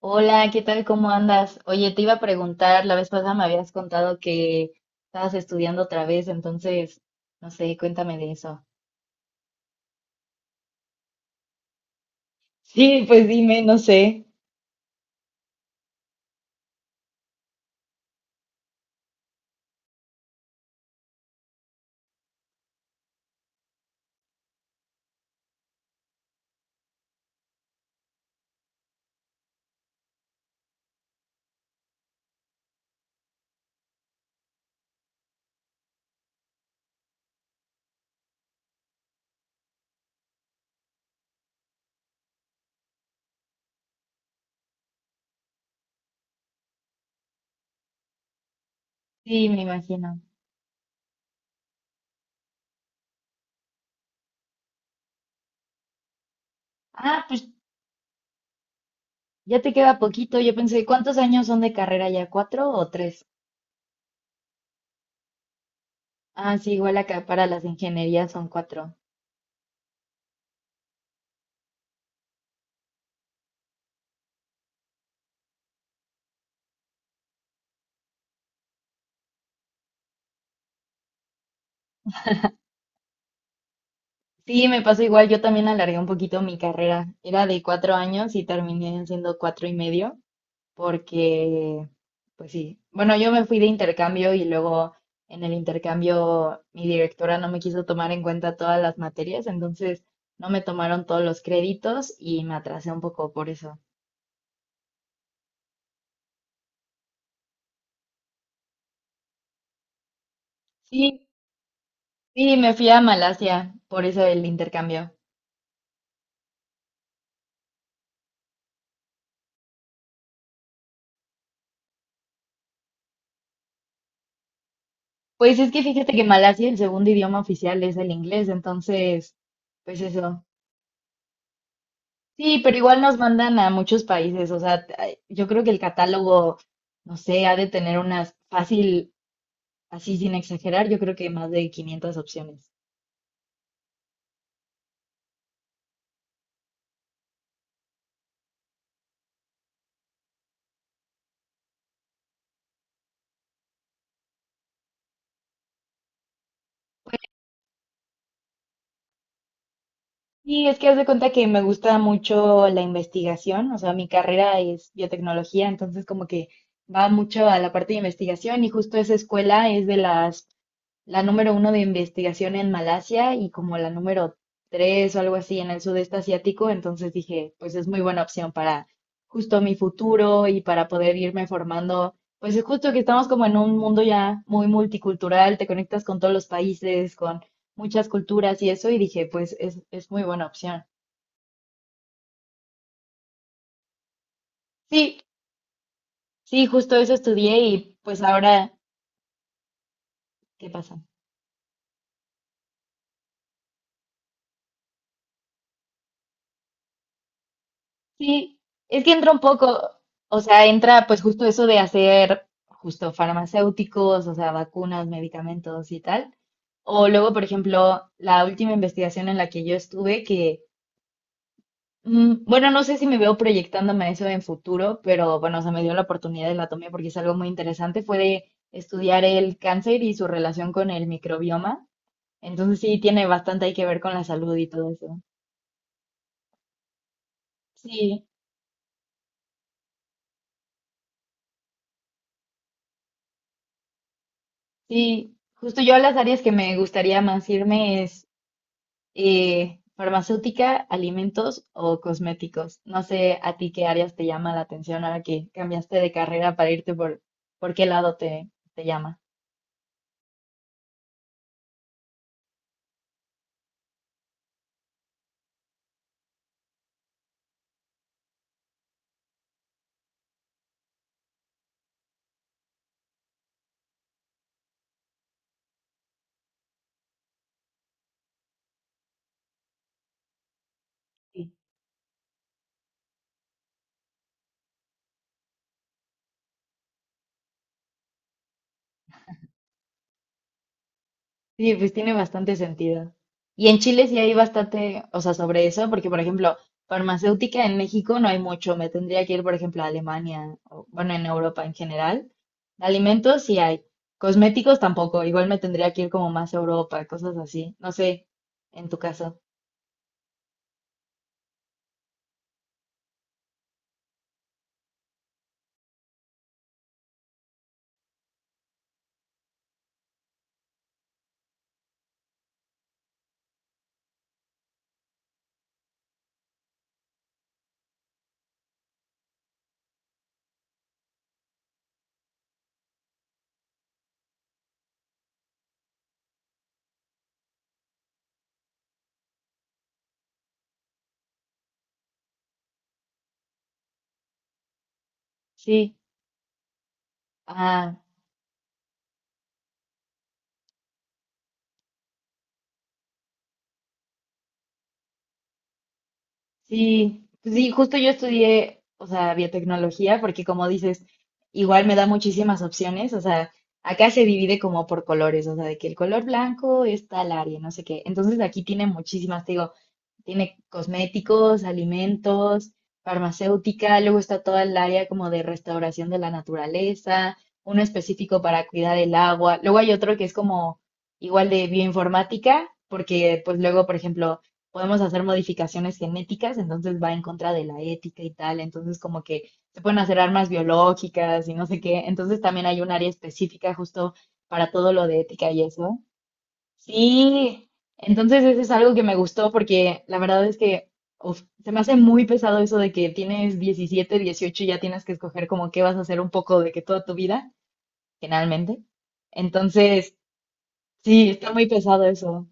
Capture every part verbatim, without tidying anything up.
Hola, ¿qué tal? ¿Cómo andas? Oye, te iba a preguntar, la vez pasada me habías contado que estabas estudiando otra vez, entonces, no sé, cuéntame de eso. Sí, pues dime, no sé. Sí, me imagino. Ah, pues ya te queda poquito. Yo pensé, ¿cuántos años son de carrera ya? ¿Cuatro o tres? Ah, sí, igual acá para las ingenierías son cuatro. Sí, me pasó igual. Yo también alargué un poquito mi carrera. Era de cuatro años y terminé siendo cuatro y medio. Porque, pues sí, bueno, yo me fui de intercambio y luego en el intercambio mi directora no me quiso tomar en cuenta todas las materias, entonces no me tomaron todos los créditos y me atrasé un poco por eso. Sí, sí, me fui a Malasia, por eso el intercambio. Pues es que fíjate que Malasia el segundo idioma oficial es el inglés, entonces, pues eso. Sí, pero igual nos mandan a muchos países, o sea, t- ay, yo creo que el catálogo, no sé, ha de tener unas fácil. Así sin exagerar, yo creo que más de quinientas opciones. Y es que haz de cuenta que me gusta mucho la investigación, o sea, mi carrera es biotecnología, entonces como que va mucho a la parte de investigación y justo esa escuela es de las, la número uno de investigación en Malasia y como la número tres o algo así en el sudeste asiático, entonces dije, pues es muy buena opción para justo mi futuro y para poder irme formando, pues es justo que estamos como en un mundo ya muy multicultural, te conectas con todos los países, con muchas culturas y eso, y dije, pues es, es muy buena opción. Sí, sí, justo eso estudié y pues ahora, ¿qué pasa? Sí, es que entra un poco, o sea, entra pues justo eso de hacer justo farmacéuticos, o sea, vacunas, medicamentos y tal. O luego, por ejemplo, la última investigación en la que yo estuve, que, mm, bueno, no sé si me veo proyectándome a eso en futuro, pero bueno, o sea, me dio la oportunidad y la tomé porque es algo muy interesante, fue de estudiar el cáncer y su relación con el microbioma. Entonces sí, tiene bastante hay que ver con la salud y todo eso. Sí, sí. Justo yo las áreas que me gustaría más irme es eh, farmacéutica, alimentos o cosméticos. No sé a ti qué áreas te llama la atención ahora que cambiaste de carrera para irte por, por qué lado te, te llama. Sí. Sí, pues tiene bastante sentido. Y en Chile sí hay bastante, o sea, sobre eso, porque por ejemplo, farmacéutica en México no hay mucho. Me tendría que ir, por ejemplo, a Alemania, o bueno, en Europa en general. De alimentos sí hay. Cosméticos tampoco. Igual me tendría que ir como más a Europa, cosas así. No sé, en tu caso. Sí. Ah. Sí, pues sí, justo yo estudié, o sea, biotecnología, porque como dices, igual me da muchísimas opciones, o sea, acá se divide como por colores, o sea, de que el color blanco es tal área, no sé qué. Entonces aquí tiene muchísimas, te digo, tiene cosméticos, alimentos, farmacéutica, luego está toda el área como de restauración de la naturaleza, uno específico para cuidar el agua, luego hay otro que es como igual de bioinformática, porque pues luego, por ejemplo, podemos hacer modificaciones genéticas, entonces va en contra de la ética y tal, entonces como que se pueden hacer armas biológicas y no sé qué, entonces también hay un área específica justo para todo lo de ética y eso. Sí, entonces eso es algo que me gustó porque la verdad es que uf, se me hace muy pesado eso de que tienes diecisiete dieciocho y ya tienes que escoger como qué vas a hacer un poco de que toda tu vida, generalmente. Entonces, sí, está muy pesado eso.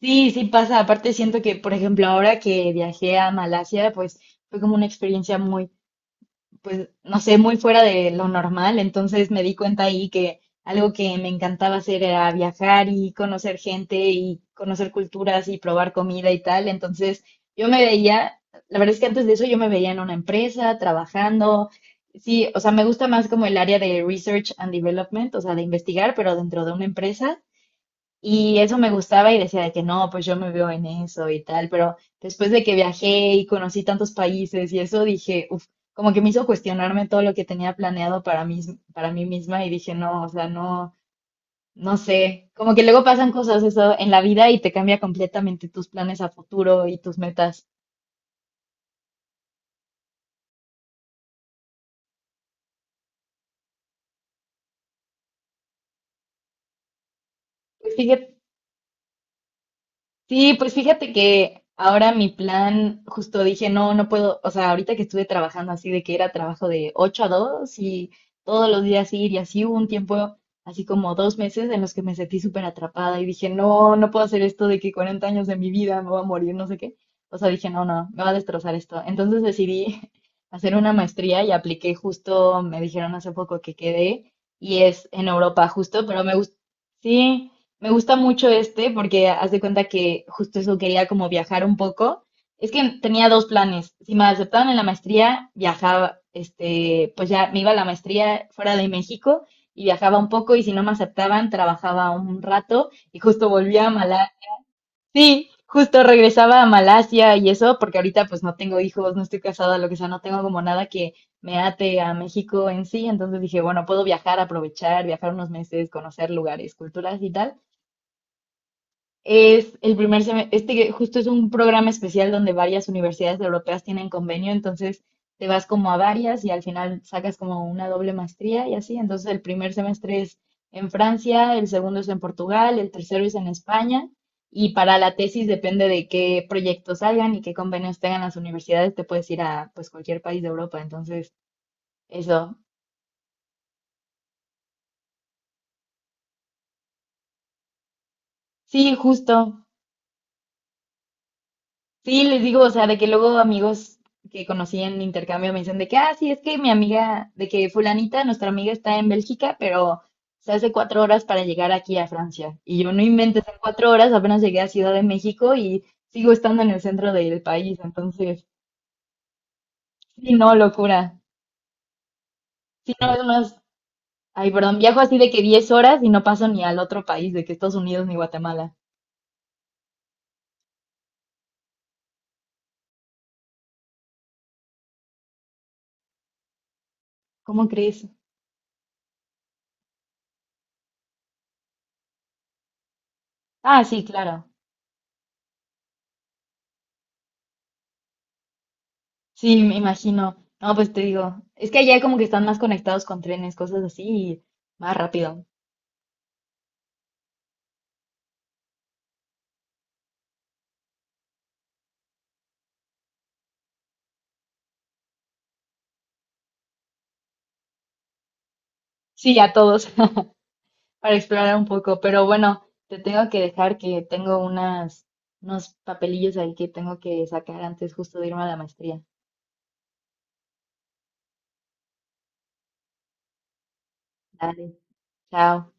Sí, sí pasa. Aparte siento que, por ejemplo, ahora que viajé a Malasia, pues fue como una experiencia muy pues, no sé, muy fuera de lo normal. Entonces me di cuenta ahí que algo que me encantaba hacer era viajar y conocer gente y conocer culturas y probar comida y tal. Entonces yo me veía, la verdad es que antes de eso yo me veía en una empresa trabajando. Sí, o sea, me gusta más como el área de research and development, o sea, de investigar, pero dentro de una empresa. Y eso me gustaba y decía de que no, pues yo me veo en eso y tal, pero después de que viajé y conocí tantos países y eso dije, uff, como que me hizo cuestionarme todo lo que tenía planeado para mí, para mí misma y dije, no, o sea, no, no sé, como que luego pasan cosas eso en la vida y te cambia completamente tus planes a futuro y tus metas. Pues fíjate. Sí, pues fíjate que ahora mi plan, justo dije, no, no puedo, o sea, ahorita que estuve trabajando así de que era trabajo de ocho a dos y todos los días ir y así hubo un tiempo, así como dos meses en los que me sentí súper atrapada y dije, no, no puedo hacer esto de que cuarenta años de mi vida me voy a morir, no sé qué. O sea, dije, no, no, me va a destrozar esto. Entonces decidí hacer una maestría y apliqué justo, me dijeron hace poco que quedé y es en Europa justo, pero me gusta. Sí, me gusta mucho este porque haz de cuenta que justo eso quería como viajar un poco. Es que tenía dos planes. Si me aceptaban en la maestría, viajaba, este, pues ya me iba a la maestría fuera de México y viajaba un poco y si no me aceptaban, trabajaba un rato y justo volvía a Malasia. Sí, justo regresaba a Malasia y eso porque ahorita pues no tengo hijos, no estoy casada, lo que sea, no tengo como nada que me ate a México en sí. Entonces dije, bueno, puedo viajar, aprovechar, viajar unos meses, conocer lugares, culturas y tal. Es el primer semestre, este que justo es un programa especial donde varias universidades europeas tienen convenio, entonces te vas como a varias y al final sacas como una doble maestría y así. Entonces el primer semestre es en Francia, el segundo es en Portugal, el tercero es en España y para la tesis depende de qué proyectos salgan y qué convenios tengan las universidades, te puedes ir a pues cualquier país de Europa. Entonces, eso. Sí, justo. Sí, les digo, o sea, de que luego amigos que conocí en intercambio me dicen de que, ah, sí, es que mi amiga, de que fulanita, nuestra amiga está en Bélgica, pero se hace cuatro horas para llegar aquí a Francia. Y yo no inventes, en cuatro horas apenas llegué a Ciudad de México y sigo estando en el centro del país. Entonces, sí, no, locura. Sí, no, es más, ay, perdón, viajo así de que diez horas y no paso ni al otro país, de que Estados Unidos ni Guatemala. ¿Cómo crees? Ah, sí, claro. Sí, me imagino. No, pues te digo, es que allá como que están más conectados con trenes, cosas así, y más rápido. Sí, a todos, para explorar un poco. Pero bueno, te tengo que dejar que tengo unas, unos papelillos ahí que tengo que sacar antes justo de irme a la maestría. Dale, chao.